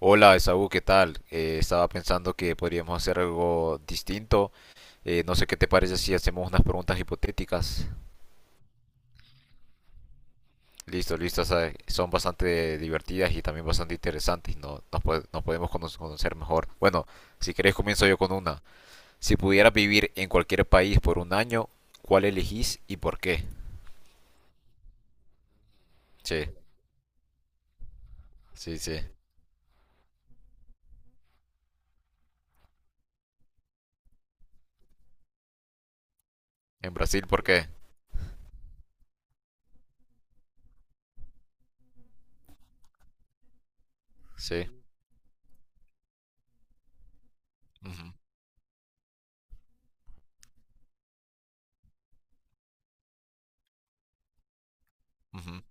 Hola, Esaú, ¿qué tal? Estaba pensando que podríamos hacer algo distinto. No sé qué te parece si hacemos unas preguntas hipotéticas. Listo, listo. O sea, son bastante divertidas y también bastante interesantes. No, nos podemos conocer mejor. Bueno, si querés comienzo yo con una. Si pudieras vivir en cualquier país por un año, ¿cuál elegís y por qué? Sí, sí, sí. ¿En Brasil por qué? Sí. Ujú, ujú.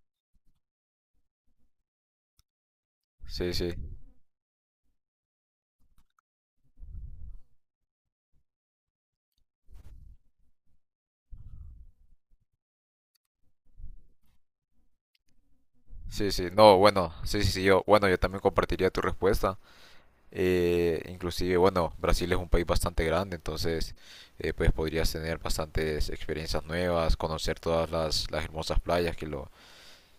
Sí, sí. Sí, sí. No, bueno, sí, sí, sí, yo. Bueno, yo también compartiría tu respuesta. Inclusive, bueno, Brasil es un país bastante grande, entonces pues podrías tener bastantes experiencias nuevas, conocer todas las hermosas playas que lo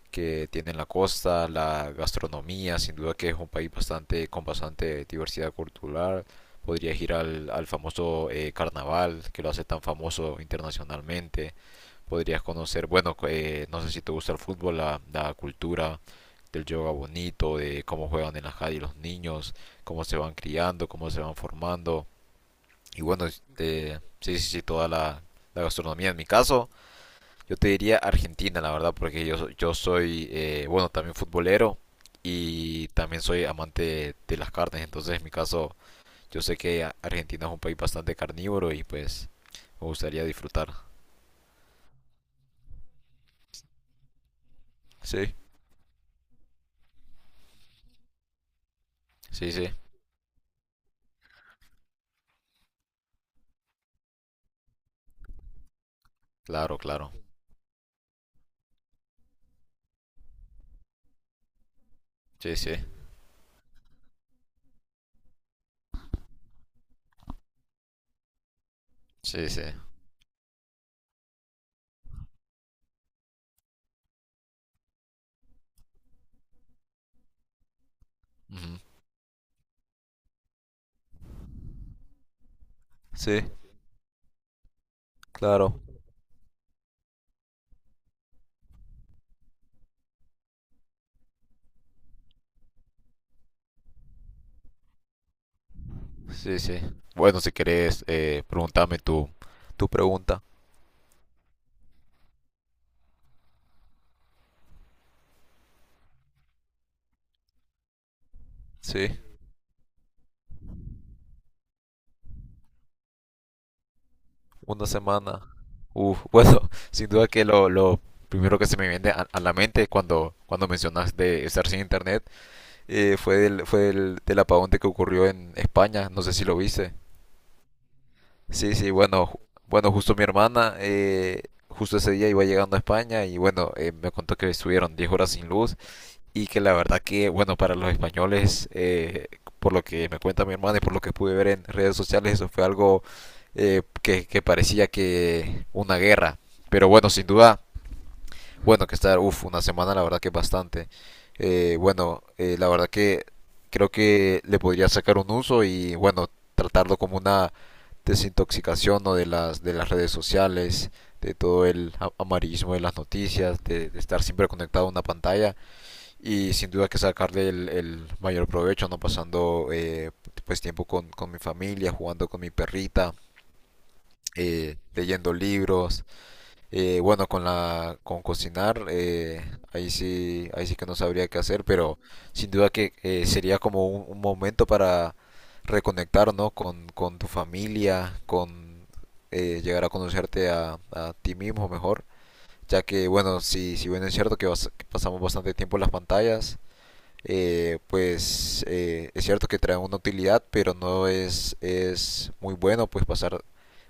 que tiene la costa, la gastronomía, sin duda que es un país bastante con bastante diversidad cultural. Podrías ir al famoso carnaval que lo hace tan famoso internacionalmente, podrías conocer, bueno, no sé si te gusta el fútbol, la cultura del yoga bonito, de cómo juegan en la calle los niños, cómo se van criando, cómo se van formando. Y bueno, este, sí, sí, sí, toda la gastronomía. En mi caso, yo te diría Argentina, la verdad, porque yo soy, bueno, también futbolero y también soy amante de las carnes. Entonces, en mi caso, yo sé que Argentina es un país bastante carnívoro y pues me gustaría disfrutar. Sí, sí, sí, claro, claro. Sí, sí, sí, sí. Ujú. Sí, claro. Sí, sí. Bueno, si querés, preguntame tu pregunta. Sí, una semana. Uf, bueno, sin duda que lo primero que se me viene a la mente cuando mencionas de estar sin internet fue del apagón de que ocurrió en España. No sé si lo viste. Sí, sí, bueno, bueno, justo mi hermana, justo ese día iba llegando a España y bueno, me contó que estuvieron 10 horas sin luz y que la verdad que, bueno, para los españoles, por lo que me cuenta mi hermana y por lo que pude ver en redes sociales, eso fue algo que, parecía que una guerra. Pero bueno, sin duda, bueno, que estar, uff, una semana la verdad que es bastante. Bueno, la verdad que creo que le podría sacar un uso y bueno, tratarlo como una desintoxicación o ¿no? de las redes sociales, de todo el amarillismo de las noticias, de estar siempre conectado a una pantalla y sin duda que sacarle el mayor provecho, no pasando pues tiempo con mi familia, jugando con mi perrita, leyendo libros, bueno, con la con cocinar, ahí sí que no sabría qué hacer, pero sin duda que sería como un momento para reconectar, ¿no? Con tu familia, con llegar a conocerte a ti mismo mejor, ya que bueno, si bien es cierto que, que pasamos bastante tiempo en las pantallas, pues es cierto que trae una utilidad, pero no es muy bueno pues pasar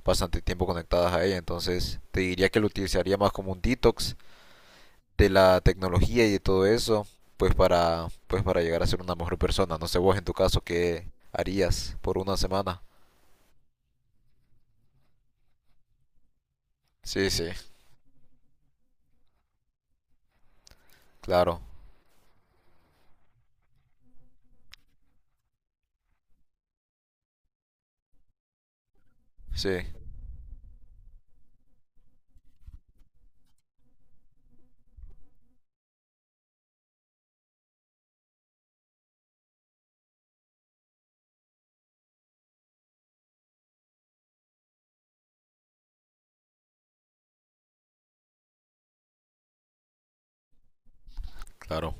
bastante tiempo conectadas a ella. Entonces te diría que lo utilizaría más como un detox de la tecnología y de todo eso, pues para, pues para llegar a ser una mejor persona. No sé vos en tu caso qué harías por una semana. Sí, sí, claro, sí, claro,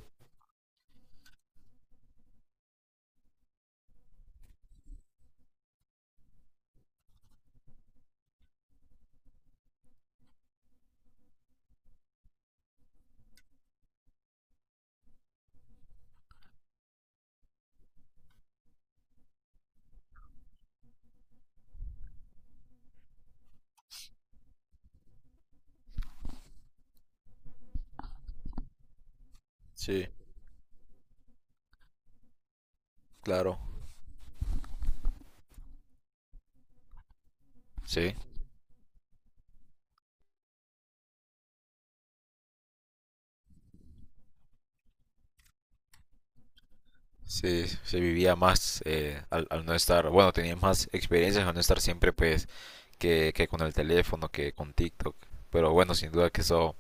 sí, claro, sí. Sí, se vivía más al no estar, bueno, tenías más experiencias al no estar siempre pues que con el teléfono, que con TikTok. Pero bueno, sin duda que eso,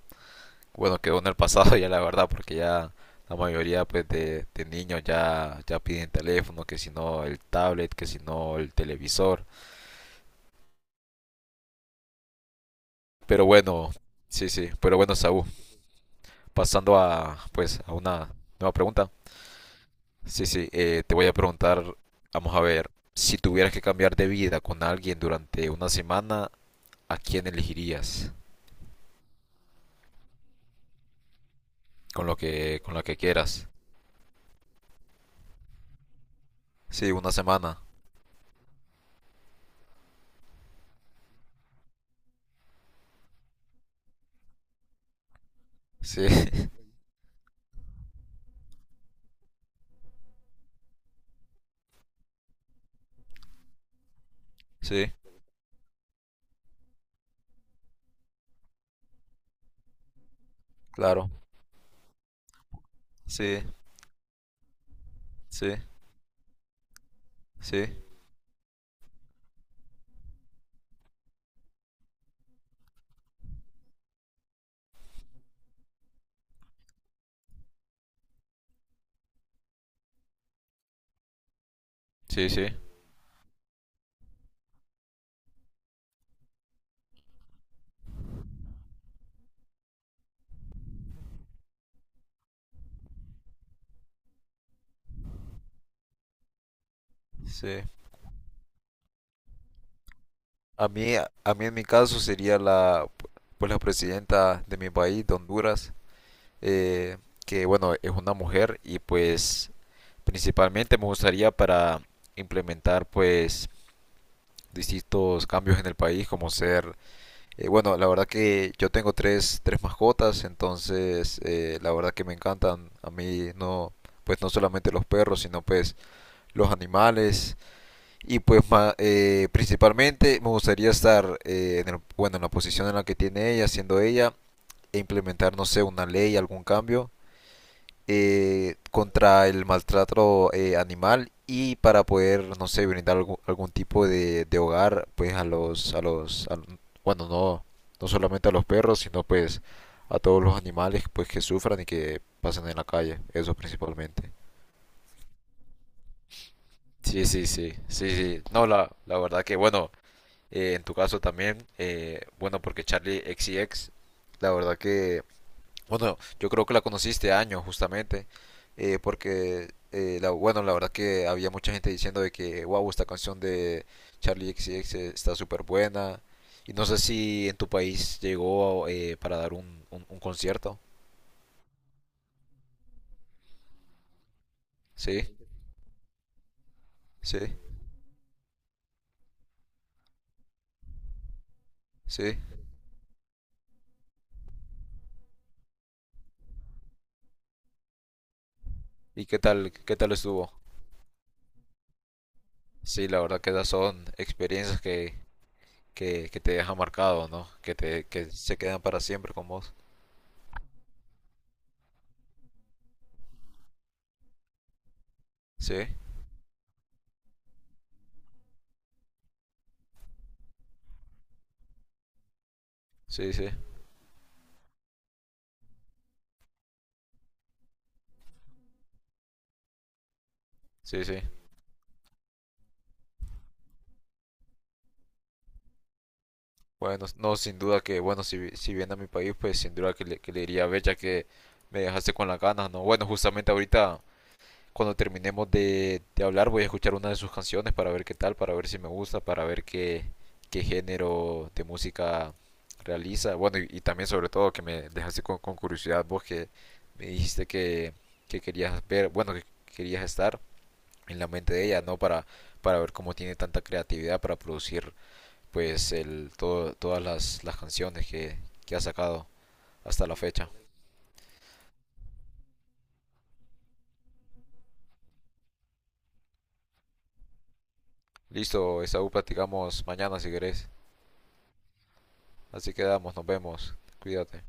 bueno, quedó en el pasado ya la verdad, porque ya la mayoría pues de niños ya piden teléfono, que si no el tablet, que si no el televisor. Pero bueno, sí, sí, pero bueno, Saúl, pasando a pues a una nueva pregunta. Sí, sí, te voy a preguntar, vamos a ver, si tuvieras que cambiar de vida con alguien durante una semana, ¿a quién elegirías? Con lo que quieras. Sí, una semana. Sí, sí, claro. Sí, sí, sí, sí, sí. Sí. A mí en mi caso sería pues la presidenta de mi país, de Honduras, eh, que bueno, es una mujer y pues principalmente me gustaría para implementar pues distintos cambios en el país, como ser, bueno, la verdad que yo tengo tres mascotas, entonces la verdad que me encantan a mí no, pues no solamente los perros, sino pues los animales. Y pues principalmente me gustaría estar bueno, en la posición en la que tiene ella, siendo ella, e implementar, no sé, una ley, algún cambio contra el maltrato animal y para poder, no sé, brindar algún tipo de hogar, pues a los, bueno, no, no solamente a los perros, sino pues a todos los animales pues que sufran y que pasen en la calle, eso principalmente. Sí, sí, sí, sí, sí. No, la verdad que bueno. En tu caso también, bueno, porque Charlie XCX la verdad que, bueno, yo creo que la conociste años justamente, porque, bueno, la verdad que había mucha gente diciendo de que, wow, esta canción de Charlie XCX está súper buena, y no sé si en tu país llegó para dar un concierto. Sí, sí, sí. ¿Y qué tal estuvo? Sí, la verdad que esas son experiencias que te deja marcado, ¿no? Que se quedan para siempre con vos. Sí, sí, sí, sí, sí. Bueno, no, sin duda que, bueno, si viene a mi país, pues sin duda que le diría a Bella que me dejaste con las ganas, ¿no? Bueno, justamente ahorita, cuando terminemos de hablar, voy a escuchar una de sus canciones para ver qué tal, para ver si me gusta, para ver qué género de música realiza. Bueno, y también sobre todo que me dejaste con curiosidad vos que me dijiste que, querías ver, bueno, que querías estar en la mente de ella, ¿no? Para ver cómo tiene tanta creatividad para producir pues todas las canciones que ha sacado hasta la fecha. Listo, Esaú, platicamos mañana si querés. Así quedamos, nos vemos. Cuídate.